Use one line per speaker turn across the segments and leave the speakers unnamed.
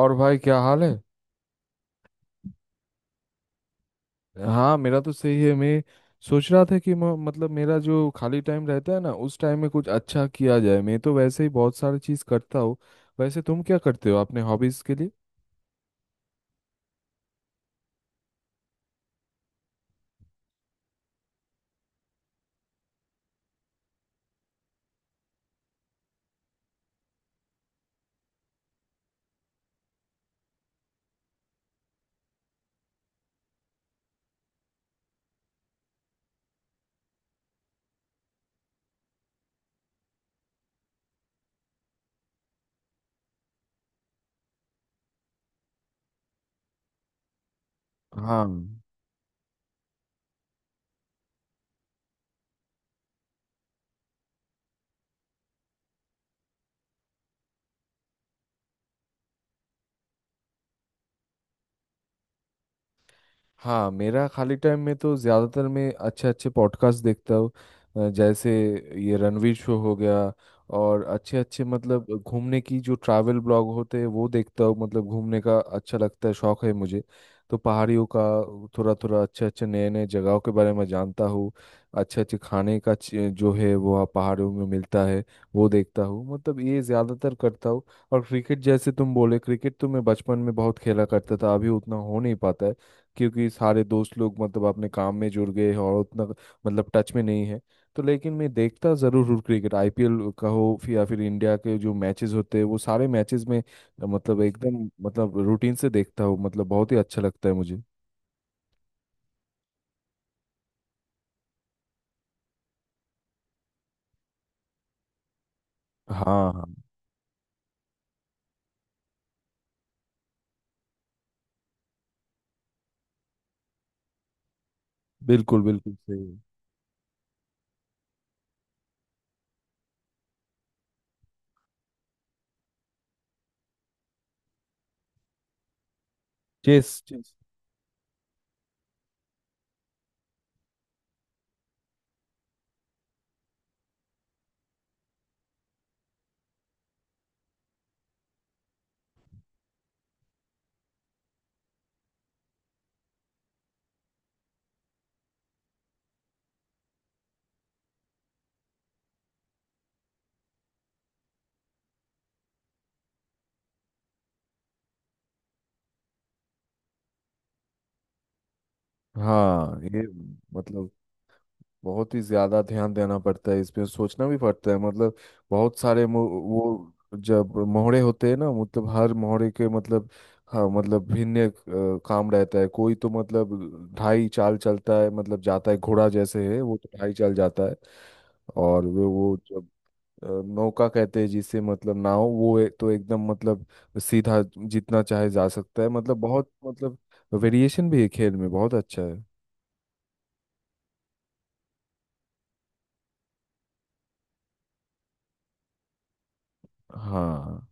और भाई क्या हाल है। हाँ, मेरा तो सही है। मैं सोच रहा था कि म, मतलब मेरा जो खाली टाइम रहता है ना, उस टाइम में कुछ अच्छा किया जाए। मैं तो वैसे ही बहुत सारी चीज़ करता हूँ। वैसे तुम क्या करते हो अपने हॉबीज़ के लिए? हाँ हाँ, मेरा खाली टाइम में तो ज़्यादातर मैं अच्छे अच्छे पॉडकास्ट देखता हूँ। जैसे ये रणवीर शो हो गया, और अच्छे अच्छे मतलब घूमने की जो ट्रैवल ब्लॉग होते हैं वो देखता हूँ। मतलब घूमने का अच्छा लगता है, शौक है मुझे तो पहाड़ियों का। थोड़ा थोड़ा अच्छे अच्छे नए नए जगहों के बारे में जानता हूँ। अच्छे अच्छे खाने का जो है वो वहाँ पहाड़ियों में मिलता है, वो देखता हूँ। मतलब ये ज़्यादातर करता हूँ। और क्रिकेट, जैसे तुम बोले, क्रिकेट तो मैं बचपन में बहुत खेला करता था, अभी उतना हो नहीं पाता है क्योंकि सारे दोस्त लोग मतलब अपने काम में जुड़ गए हैं और उतना मतलब टच में नहीं है। तो लेकिन मैं देखता ज़रूर हूँ, क्रिकेट आईपीएल का हो या फिर इंडिया के जो मैचेस होते हैं वो सारे मैचेस में मतलब एकदम मतलब रूटीन से देखता हूँ। मतलब बहुत ही अच्छा लगता है मुझे। हाँ हाँ। बिल्कुल बिल्कुल सही। Chess chess. हाँ ये मतलब बहुत ही ज्यादा ध्यान देना पड़ता है इसमें, सोचना भी पड़ता है। मतलब बहुत सारे वो जब मोहरे होते हैं ना, मतलब हर मोहरे के मतलब, हाँ मतलब भिन्न काम रहता है। कोई तो मतलब ढाई चाल चलता है, मतलब जाता है, घोड़ा जैसे है वो तो ढाई चाल जाता है। और वे वो जब अ, नौका कहते हैं जिसे, मतलब नाव, वो तो एकदम मतलब सीधा जितना चाहे जा सकता है। मतलब बहुत मतलब वेरिएशन भी है, खेल में बहुत अच्छा है। हाँ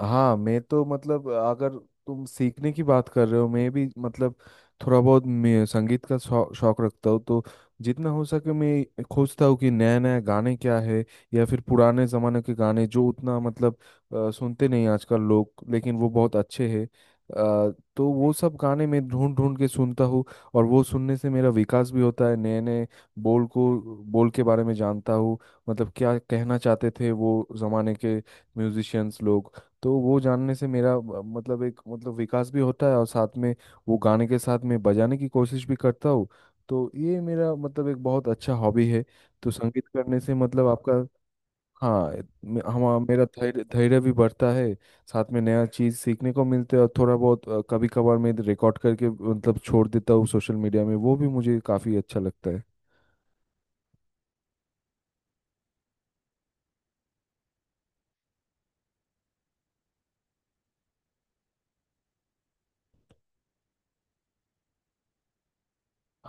हाँ, मैं तो मतलब, अगर तुम सीखने की बात कर रहे हो, मैं भी मतलब थोड़ा बहुत मैं संगीत का शौक रखता हूँ। तो जितना हो सके मैं खोजता हूँ कि नया नया गाने क्या है, या फिर पुराने ज़माने के गाने जो उतना मतलब सुनते नहीं आजकल लोग, लेकिन वो बहुत अच्छे हैं। तो वो सब गाने मैं ढूंढ ढूंढ के सुनता हूँ, और वो सुनने से मेरा विकास भी होता है। नए नए बोल को, बोल के बारे में जानता हूँ, मतलब क्या कहना चाहते थे वो ज़माने के म्यूजिशियंस लोग। तो वो जानने से मेरा मतलब एक मतलब विकास भी होता है, और साथ में वो गाने के साथ में बजाने की कोशिश भी करता हूँ। तो ये मेरा मतलब एक बहुत अच्छा हॉबी है। तो संगीत करने से मतलब आपका, हाँ मे- हम मेरा धैर्य धैर्य भी बढ़ता है। साथ में नया चीज़ सीखने को मिलता है, और थोड़ा बहुत कभी कभार मैं रिकॉर्ड करके मतलब छोड़ देता हूँ सोशल मीडिया में, वो भी मुझे काफ़ी अच्छा लगता है।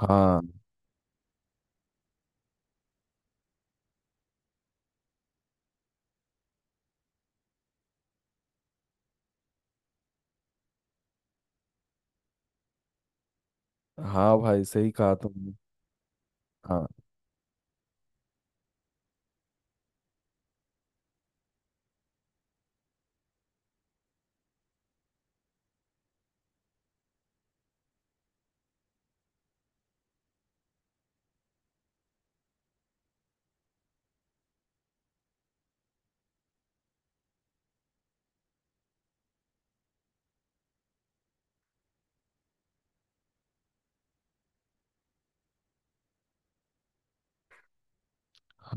हाँ हाँ, भाई सही कहा तुमने। हाँ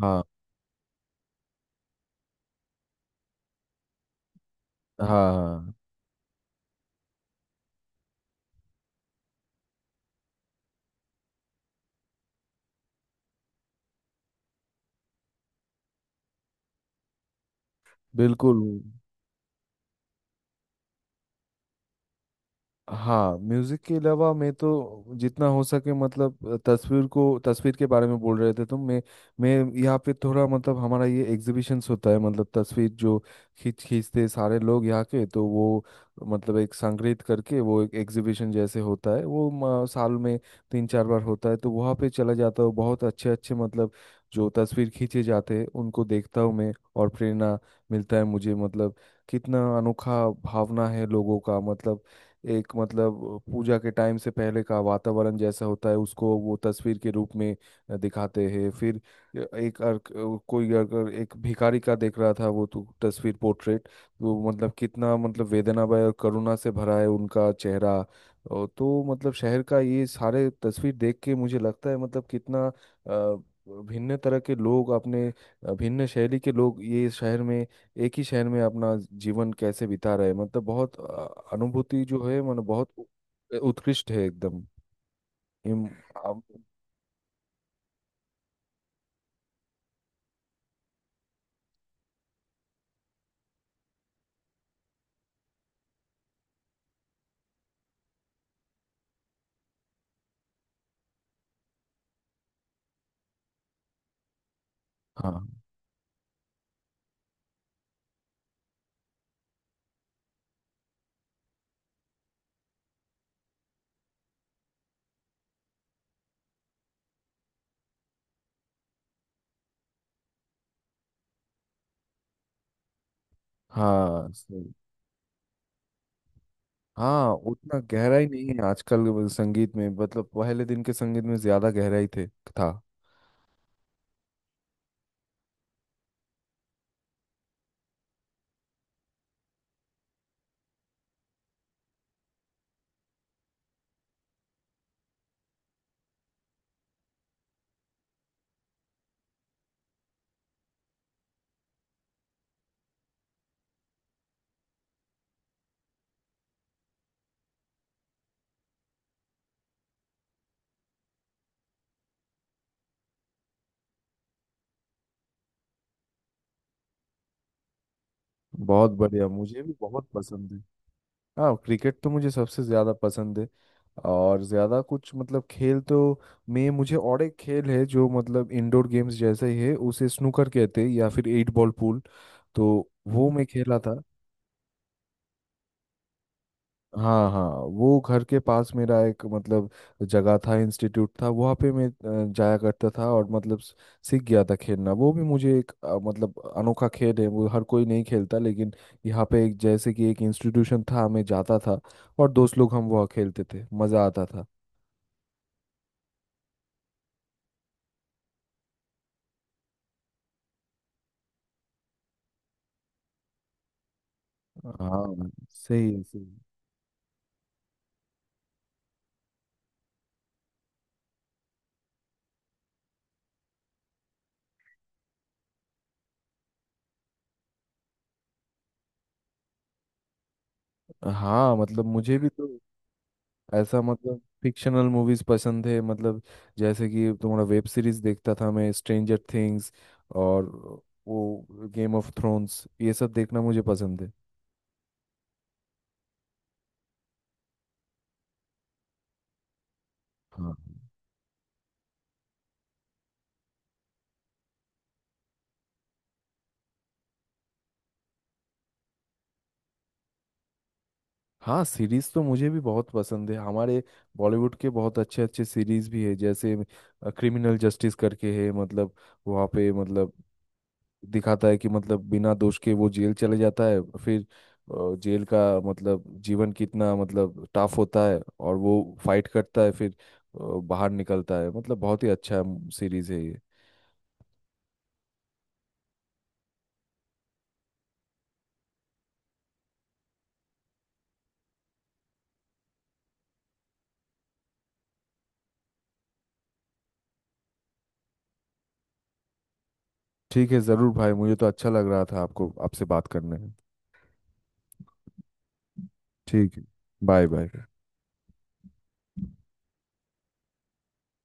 हाँ। हाँ हाँ। बिल्कुल। हाँ, म्यूजिक के अलावा मैं तो जितना हो सके मतलब तस्वीर को, तस्वीर के बारे में बोल रहे थे तो मैं यहाँ पे थोड़ा मतलब, हमारा ये एग्जीबिशंस होता है। मतलब तस्वीर जो खींच खींचते सारे लोग यहाँ के, तो वो मतलब एक संग्रहित करके वो एक एग्जीबिशन जैसे होता है वो, साल में तीन चार बार होता है। तो वहाँ पे चला जाता हूँ, बहुत अच्छे अच्छे मतलब जो तस्वीर खींचे जाते हैं उनको देखता हूँ मैं। और प्रेरणा मिलता है मुझे। मतलब कितना अनोखा भावना है लोगों का। मतलब एक मतलब पूजा के टाइम से पहले का वातावरण जैसा होता है, उसको वो तस्वीर के रूप में दिखाते हैं। फिर एक कोई अगर एक भिखारी का देख रहा था वो, तो तस्वीर पोर्ट्रेट तो मतलब कितना मतलब वेदनामय और करुणा से भरा है उनका चेहरा। और तो मतलब शहर का ये सारे तस्वीर देख के मुझे लगता है मतलब कितना भिन्न तरह के लोग अपने भिन्न शैली के लोग ये शहर में, एक ही शहर में अपना जीवन कैसे बिता रहे। मतलब बहुत अनुभूति जो है मतलब बहुत उत्कृष्ट है एकदम। इम, अब- हाँ हाँ सही। हाँ उतना गहराई नहीं है आजकल वो संगीत में, मतलब पहले दिन के संगीत में ज्यादा गहराई थे था। बहुत बढ़िया, मुझे भी बहुत पसंद है। हाँ, क्रिकेट तो मुझे सबसे ज़्यादा पसंद है। और ज़्यादा कुछ मतलब खेल तो, मैं मुझे और एक खेल है जो मतलब इंडोर गेम्स जैसा ही है, उसे स्नूकर कहते हैं या फिर एट बॉल पूल। तो वो मैं खेला था। हाँ हाँ, वो घर के पास मेरा एक मतलब जगह था, इंस्टीट्यूट था, वहाँ पे मैं जाया करता था, और मतलब सीख गया था खेलना। वो भी मुझे एक मतलब अनोखा खेल है वो, हर कोई नहीं खेलता, लेकिन यहाँ पे एक जैसे कि एक इंस्टीट्यूशन था, मैं जाता था और दोस्त लोग हम वहाँ खेलते थे, मज़ा आता था। हाँ सही है सही। है। हाँ मतलब मुझे भी तो ऐसा मतलब फिक्शनल मूवीज पसंद है। मतलब जैसे कि तुम्हारा वेब सीरीज, देखता था मैं स्ट्रेंजर थिंग्स, और वो गेम ऑफ थ्रोन्स, ये सब देखना मुझे पसंद है। हाँ हाँ, सीरीज तो मुझे भी बहुत पसंद है। हमारे बॉलीवुड के बहुत अच्छे अच्छे सीरीज भी है, जैसे क्रिमिनल जस्टिस करके है, मतलब वहाँ पे मतलब दिखाता है कि मतलब बिना दोष के वो जेल चले जाता है, फिर जेल का मतलब जीवन कितना मतलब टफ होता है, और वो फाइट करता है, फिर बाहर निकलता है। मतलब बहुत ही अच्छा सीरीज है ये। ठीक है ज़रूर भाई, मुझे तो अच्छा लग रहा था आपको, आपसे बात करने में। ठीक है, बाय बाय।